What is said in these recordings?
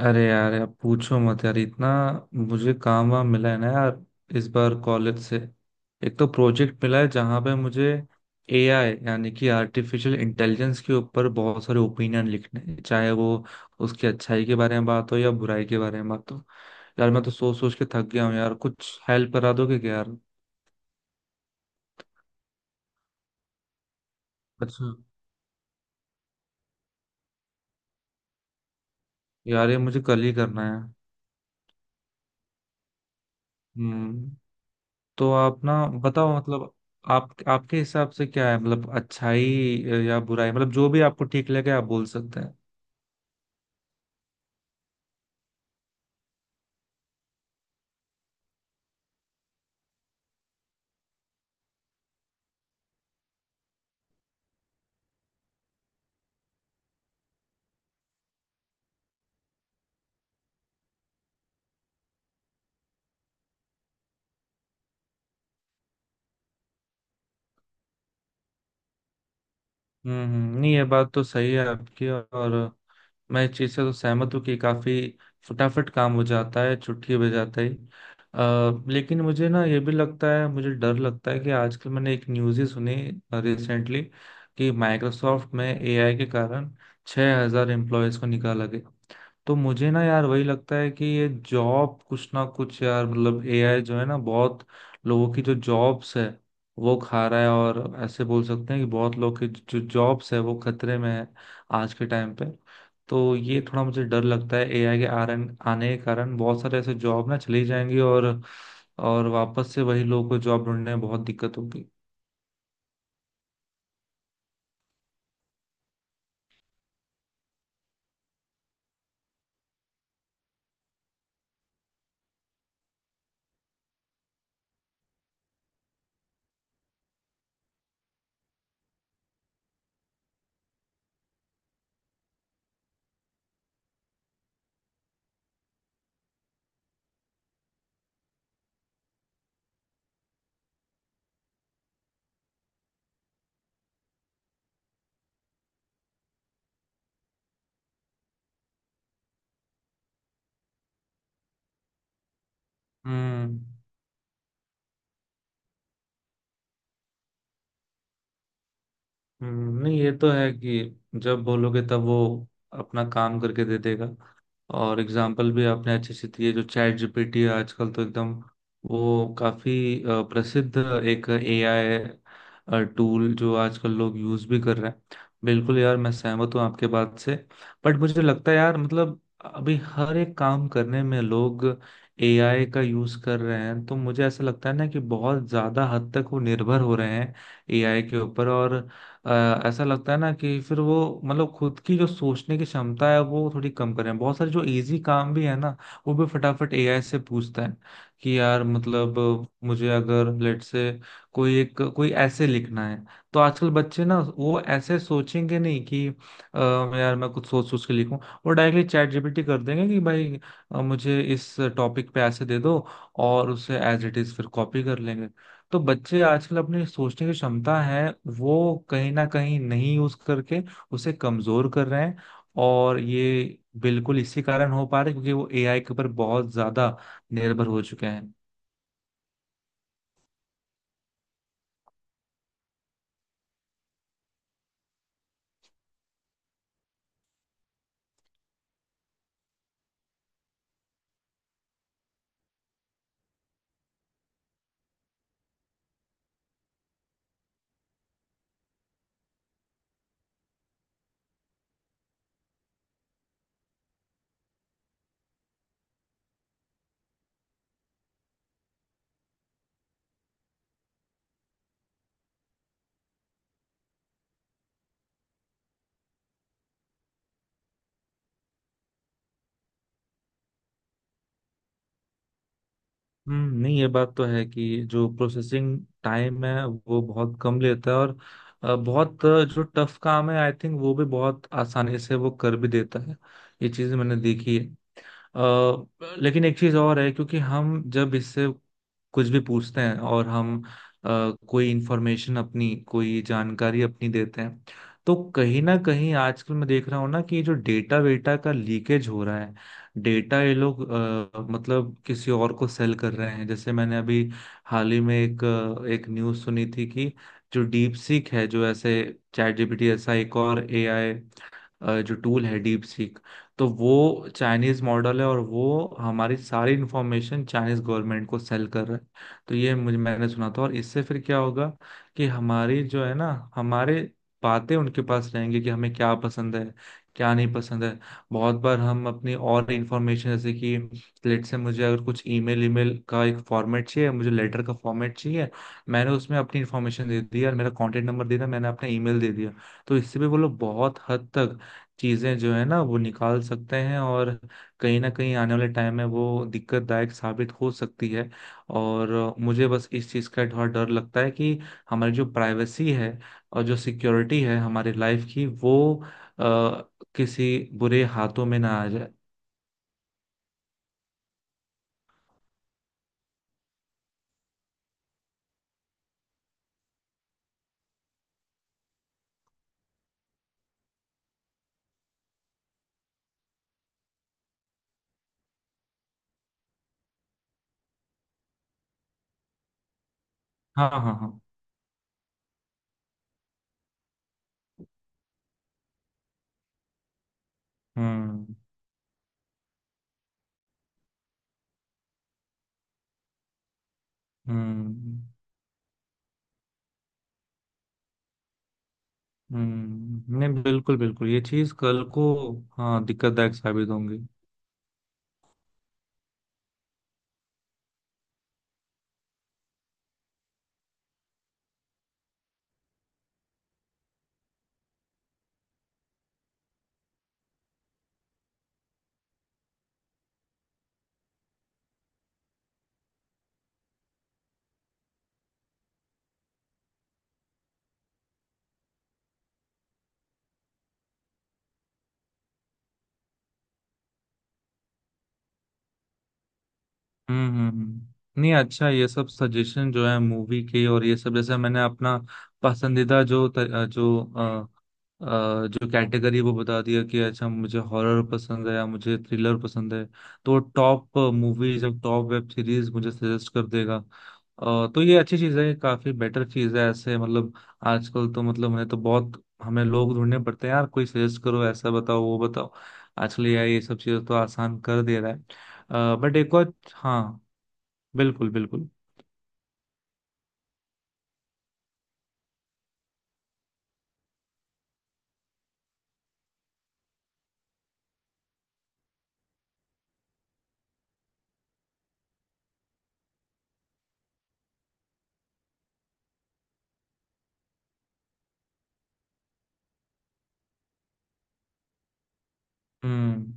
अरे यार यार, पूछो मत यार। इतना मुझे काम वाम मिला है ना यार इस बार कॉलेज से। एक तो प्रोजेक्ट मिला है जहाँ पे मुझे एआई यानी कि आर्टिफिशियल इंटेलिजेंस के ऊपर बहुत सारे ओपिनियन लिखने हैं, चाहे वो उसकी अच्छाई के बारे में बात हो या बुराई के बारे में बात हो। यार मैं तो सोच सोच के थक गया हूँ यार, कुछ हेल्प करा दोगे क्या यार? अच्छा, यार ये मुझे कल ही करना है। हम्म। तो आप ना बताओ मतलब आप आपके हिसाब से क्या है, मतलब अच्छाई या बुराई, मतलब जो भी आपको ठीक लगे आप बोल सकते हैं। नहीं ये बात तो सही है आपकी। और मैं इस चीज से तो सहमत हूँ कि काफी फटाफट काम हो जाता है, छुट्टी बजाते ही। लेकिन मुझे ना ये भी लगता है, मुझे डर लगता है कि आजकल मैंने एक न्यूज़ ही सुनी रिसेंटली कि माइक्रोसॉफ्ट में एआई के कारण 6000 हजार एम्प्लॉयज को निकाला गया। तो मुझे ना यार वही लगता है कि ये जॉब कुछ ना कुछ यार, मतलब एआई जो है ना बहुत लोगों की जो जॉब्स है वो खा रहा है। और ऐसे बोल सकते हैं कि बहुत लोग की जो जॉब्स है वो खतरे में है आज के टाइम पे। तो ये थोड़ा मुझे डर लगता है एआई के आरन आने के कारण बहुत सारे ऐसे जॉब ना चली जाएंगी। और वापस से वही लोगों को जॉब ढूंढने में बहुत दिक्कत होगी। हम्म नहीं ये तो है कि जब बोलोगे तब वो अपना काम करके दे देगा। और एग्जाम्पल भी आपने अच्छे से दिए, जो चैट जीपीटी आजकल तो एकदम, वो काफी प्रसिद्ध एक एआई टूल जो आजकल लोग यूज भी कर रहे हैं। बिल्कुल यार मैं सहमत हूँ आपके बात से, बट मुझे लगता है यार, मतलब अभी हर एक काम करने में लोग एआई का यूज कर रहे हैं। तो मुझे ऐसा लगता है ना कि बहुत ज्यादा हद तक वो निर्भर हो रहे हैं एआई के ऊपर, और अ, ऐसा लगता है ना कि फिर वो, मतलब खुद की जो सोचने की क्षमता है वो थोड़ी कम करें। बहुत सारे जो इजी काम भी है ना वो भी फटाफट एआई से पूछता है कि यार मतलब, मुझे अगर लेट से कोई एक कोई ऐसे लिखना है, तो आजकल बच्चे ना वो ऐसे सोचेंगे नहीं कि यार मैं कुछ सोच सोच के लिखूं। वो डायरेक्टली चैट जीपीटी कर देंगे कि भाई मुझे इस टॉपिक पे ऐसे दे दो, और उसे एज इट इज फिर कॉपी कर लेंगे। तो बच्चे आजकल अपनी सोचने की क्षमता है वो कहीं ना कहीं नहीं यूज करके उसे कमजोर कर रहे हैं। और ये बिल्कुल इसी कारण हो पा रहा है क्योंकि वो एआई के ऊपर बहुत ज्यादा निर्भर हो चुके हैं। हम्म, नहीं ये बात तो है कि जो प्रोसेसिंग टाइम है वो बहुत कम लेता है, और बहुत जो टफ काम है आई थिंक वो भी बहुत आसानी से वो कर भी देता है। ये चीज मैंने देखी है। अ, लेकिन एक चीज और है क्योंकि हम जब इससे कुछ भी पूछते हैं और हम अ, कोई इंफॉर्मेशन अपनी, कोई जानकारी अपनी देते हैं, तो कहीं ना कहीं आजकल मैं देख रहा हूँ ना कि ये जो डेटा वेटा का लीकेज हो रहा है, डेटा ये लोग मतलब किसी और को सेल कर रहे हैं। जैसे मैंने अभी हाल ही में एक न्यूज़ सुनी थी कि जो डीप सीक है, जो ऐसे चैट जीपीटी ऐसा एक और एआई जो टूल है डीप सीक, तो वो चाइनीज मॉडल है और वो हमारी सारी इंफॉर्मेशन चाइनीज गवर्नमेंट को सेल कर रहा है। तो ये मुझे, मैंने सुना था। और इससे फिर क्या होगा कि हमारी जो है ना, हमारे बातें उनके पास रहेंगी कि हमें क्या पसंद है, क्या नहीं पसंद है। बहुत बार हम अपनी और इंफॉर्मेशन, जैसे कि लेट से मुझे अगर कुछ ईमेल ईमेल का एक फॉर्मेट चाहिए, मुझे लेटर का फॉर्मेट चाहिए, मैंने उसमें अपनी इन्फॉर्मेशन दे दी और मेरा कॉन्टेक्ट नंबर दे दिया, मैंने अपना ईमेल दे दिया, तो इससे भी वो लोग बहुत हद तक चीजें जो है ना वो निकाल सकते हैं। और कहीं ना कहीं आने वाले टाइम में वो दिक्कतदायक साबित हो सकती है। और मुझे बस इस चीज का थोड़ा डर लगता है कि हमारी जो प्राइवेसी है और जो सिक्योरिटी है हमारी लाइफ की, वो आ, किसी बुरे हाथों में ना आ जाए। हाँ हाँ हाँ। हम्म हम्म नहीं, बिल्कुल बिल्कुल, ये चीज कल को हाँ दिक्कतदायक साबित होंगी। नहीं अच्छा, ये सब सजेशन जो है मूवी के और ये सब, जैसे मैंने अपना पसंदीदा जो त- अ, जो अ, अ, जो कैटेगरी वो बता दिया कि अच्छा मुझे हॉरर पसंद है या मुझे थ्रिलर पसंद है, तो टॉप मूवीज और टॉप वेब सीरीज मुझे सजेस्ट कर देगा। तो ये अच्छी चीज़ है, काफी बेटर चीज़ है ऐसे, मतलब आजकल तो मतलब मैंने तो बहुत, हमें लोग ढूंढने पड़ते हैं यार, कोई सजेस्ट करो ऐसा बताओ वो बताओ। आजकल ये सब चीज़ें तो आसान कर दे रहा है, बट एक और हाँ। बिल्कुल बिल्कुल। हम्म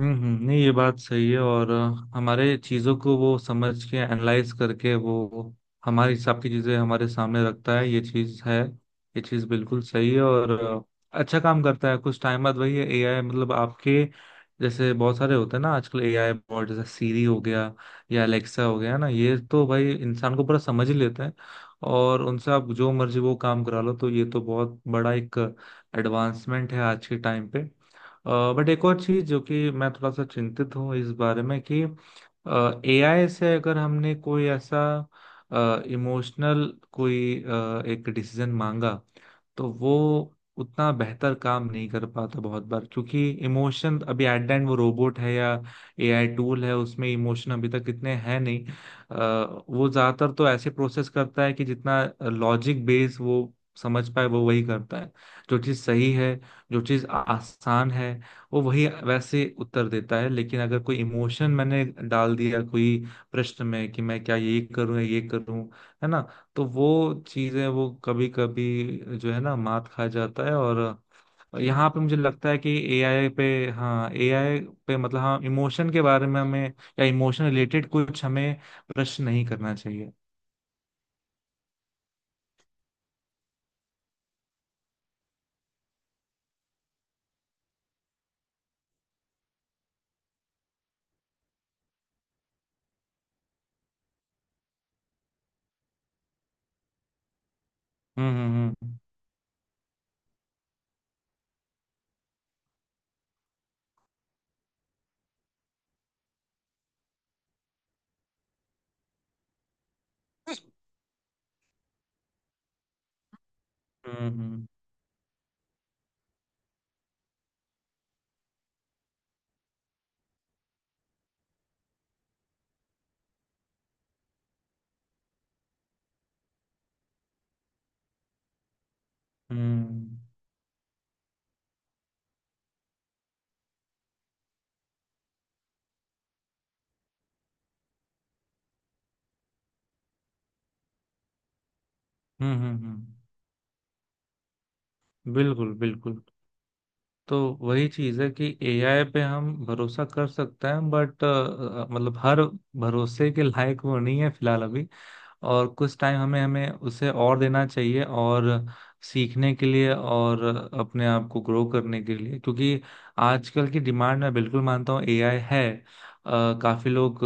नहीं ये बात सही है। और हमारे चीज़ों को वो समझ के एनालाइज करके वो हमारे हिसाब की चीज़ें हमारे सामने रखता है, ये चीज़ है। ये चीज़ बिल्कुल सही है, और अच्छा काम करता है कुछ टाइम बाद, वही है एआई मतलब आपके जैसे। बहुत सारे होते हैं ना आजकल एआई बॉट, जैसे सीरी हो गया या अलेक्सा हो गया ना, ये तो भाई इंसान को पूरा समझ ही लेते हैं। और उनसे आप जो मर्जी वो काम करा लो, तो ये तो बहुत बड़ा एक एडवांसमेंट है आज के टाइम पे। बट एक और चीज जो कि मैं थोड़ा सा चिंतित हूँ इस बारे में कि एआई से अगर हमने कोई ऐसा इमोशनल कोई एक डिसीजन मांगा, तो वो उतना बेहतर काम नहीं कर पाता बहुत बार, क्योंकि इमोशन अभी, एट द एंड वो रोबोट है या एआई टूल है, उसमें इमोशन अभी तक इतने हैं नहीं। वो ज्यादातर तो ऐसे प्रोसेस करता है कि जितना लॉजिक बेस वो समझ पाए वो वही करता है। जो चीज सही है, जो चीज आसान है, वो वही वैसे उत्तर देता है। लेकिन अगर कोई इमोशन मैंने डाल दिया कोई प्रश्न में कि मैं क्या, ये करूं या ये करूं, है ना, तो वो चीजें वो कभी कभी जो है ना मात खा जाता है। और यहाँ पे मुझे लगता है कि एआई पे, हाँ एआई पे, मतलब हाँ इमोशन के बारे में हमें, या इमोशन रिलेटेड कुछ हमें प्रश्न नहीं करना चाहिए। हम्म हम्म हम्म हम्म हम्म हम्म हम्म हम्म, हम्म, बिल्कुल बिल्कुल। तो वही चीज है कि एआई पे हम भरोसा कर सकते हैं बट मतलब हर भरोसे के लायक वो नहीं है फिलहाल अभी। और कुछ टाइम हमें हमें उसे और देना चाहिए, और सीखने के लिए और अपने आप को ग्रो करने के लिए, क्योंकि आजकल की डिमांड मैं बिल्कुल मानता हूँ एआई है। काफी लोग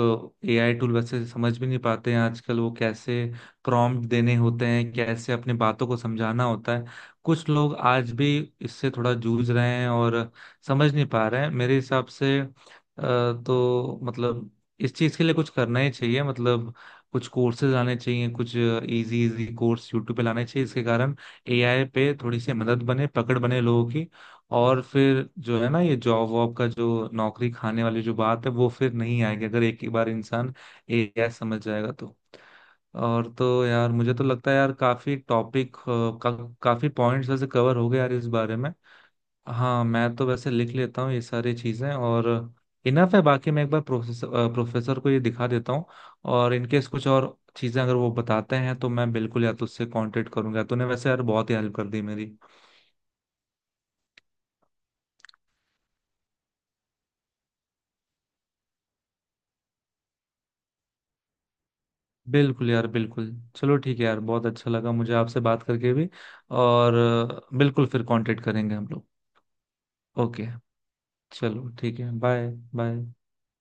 एआई टूल वैसे समझ भी नहीं पाते हैं आजकल, वो कैसे प्रॉम्प्ट देने होते हैं, कैसे अपनी बातों को समझाना होता है। कुछ लोग आज भी इससे थोड़ा जूझ रहे हैं और समझ नहीं पा रहे हैं मेरे हिसाब से। तो मतलब इस चीज के लिए कुछ करना ही चाहिए, मतलब कुछ कोर्सेज आने चाहिए, कुछ इजी इजी कोर्स यूट्यूब पे लाने चाहिए, इसके कारण एआई पे थोड़ी सी मदद बने, पकड़ बने लोगों की। और फिर जो है ना ये जॉब वॉब का जो नौकरी खाने वाली जो बात है वो फिर नहीं आएगी, अगर एक ही बार इंसान एआई समझ जाएगा तो। और तो यार मुझे तो लगता है यार काफी पॉइंट्स ऐसे कवर हो गए यार इस बारे में। हाँ मैं तो वैसे लिख लेता हूँ ये सारी चीज़ें, और इनफ है बाकी। मैं एक बार प्रोफेसर को ये दिखा देता हूँ, और इनकेस कुछ और चीज़ें अगर वो बताते हैं तो मैं बिल्कुल या तो उससे कांटेक्ट करूंगा। तूने वैसे यार बहुत ही हेल्प कर दी मेरी। बिल्कुल यार बिल्कुल, चलो ठीक है यार, बहुत अच्छा लगा मुझे आपसे बात करके भी। और बिल्कुल फिर कांटेक्ट करेंगे हम लोग। ओके। चलो ठीक है, बाय। बाय।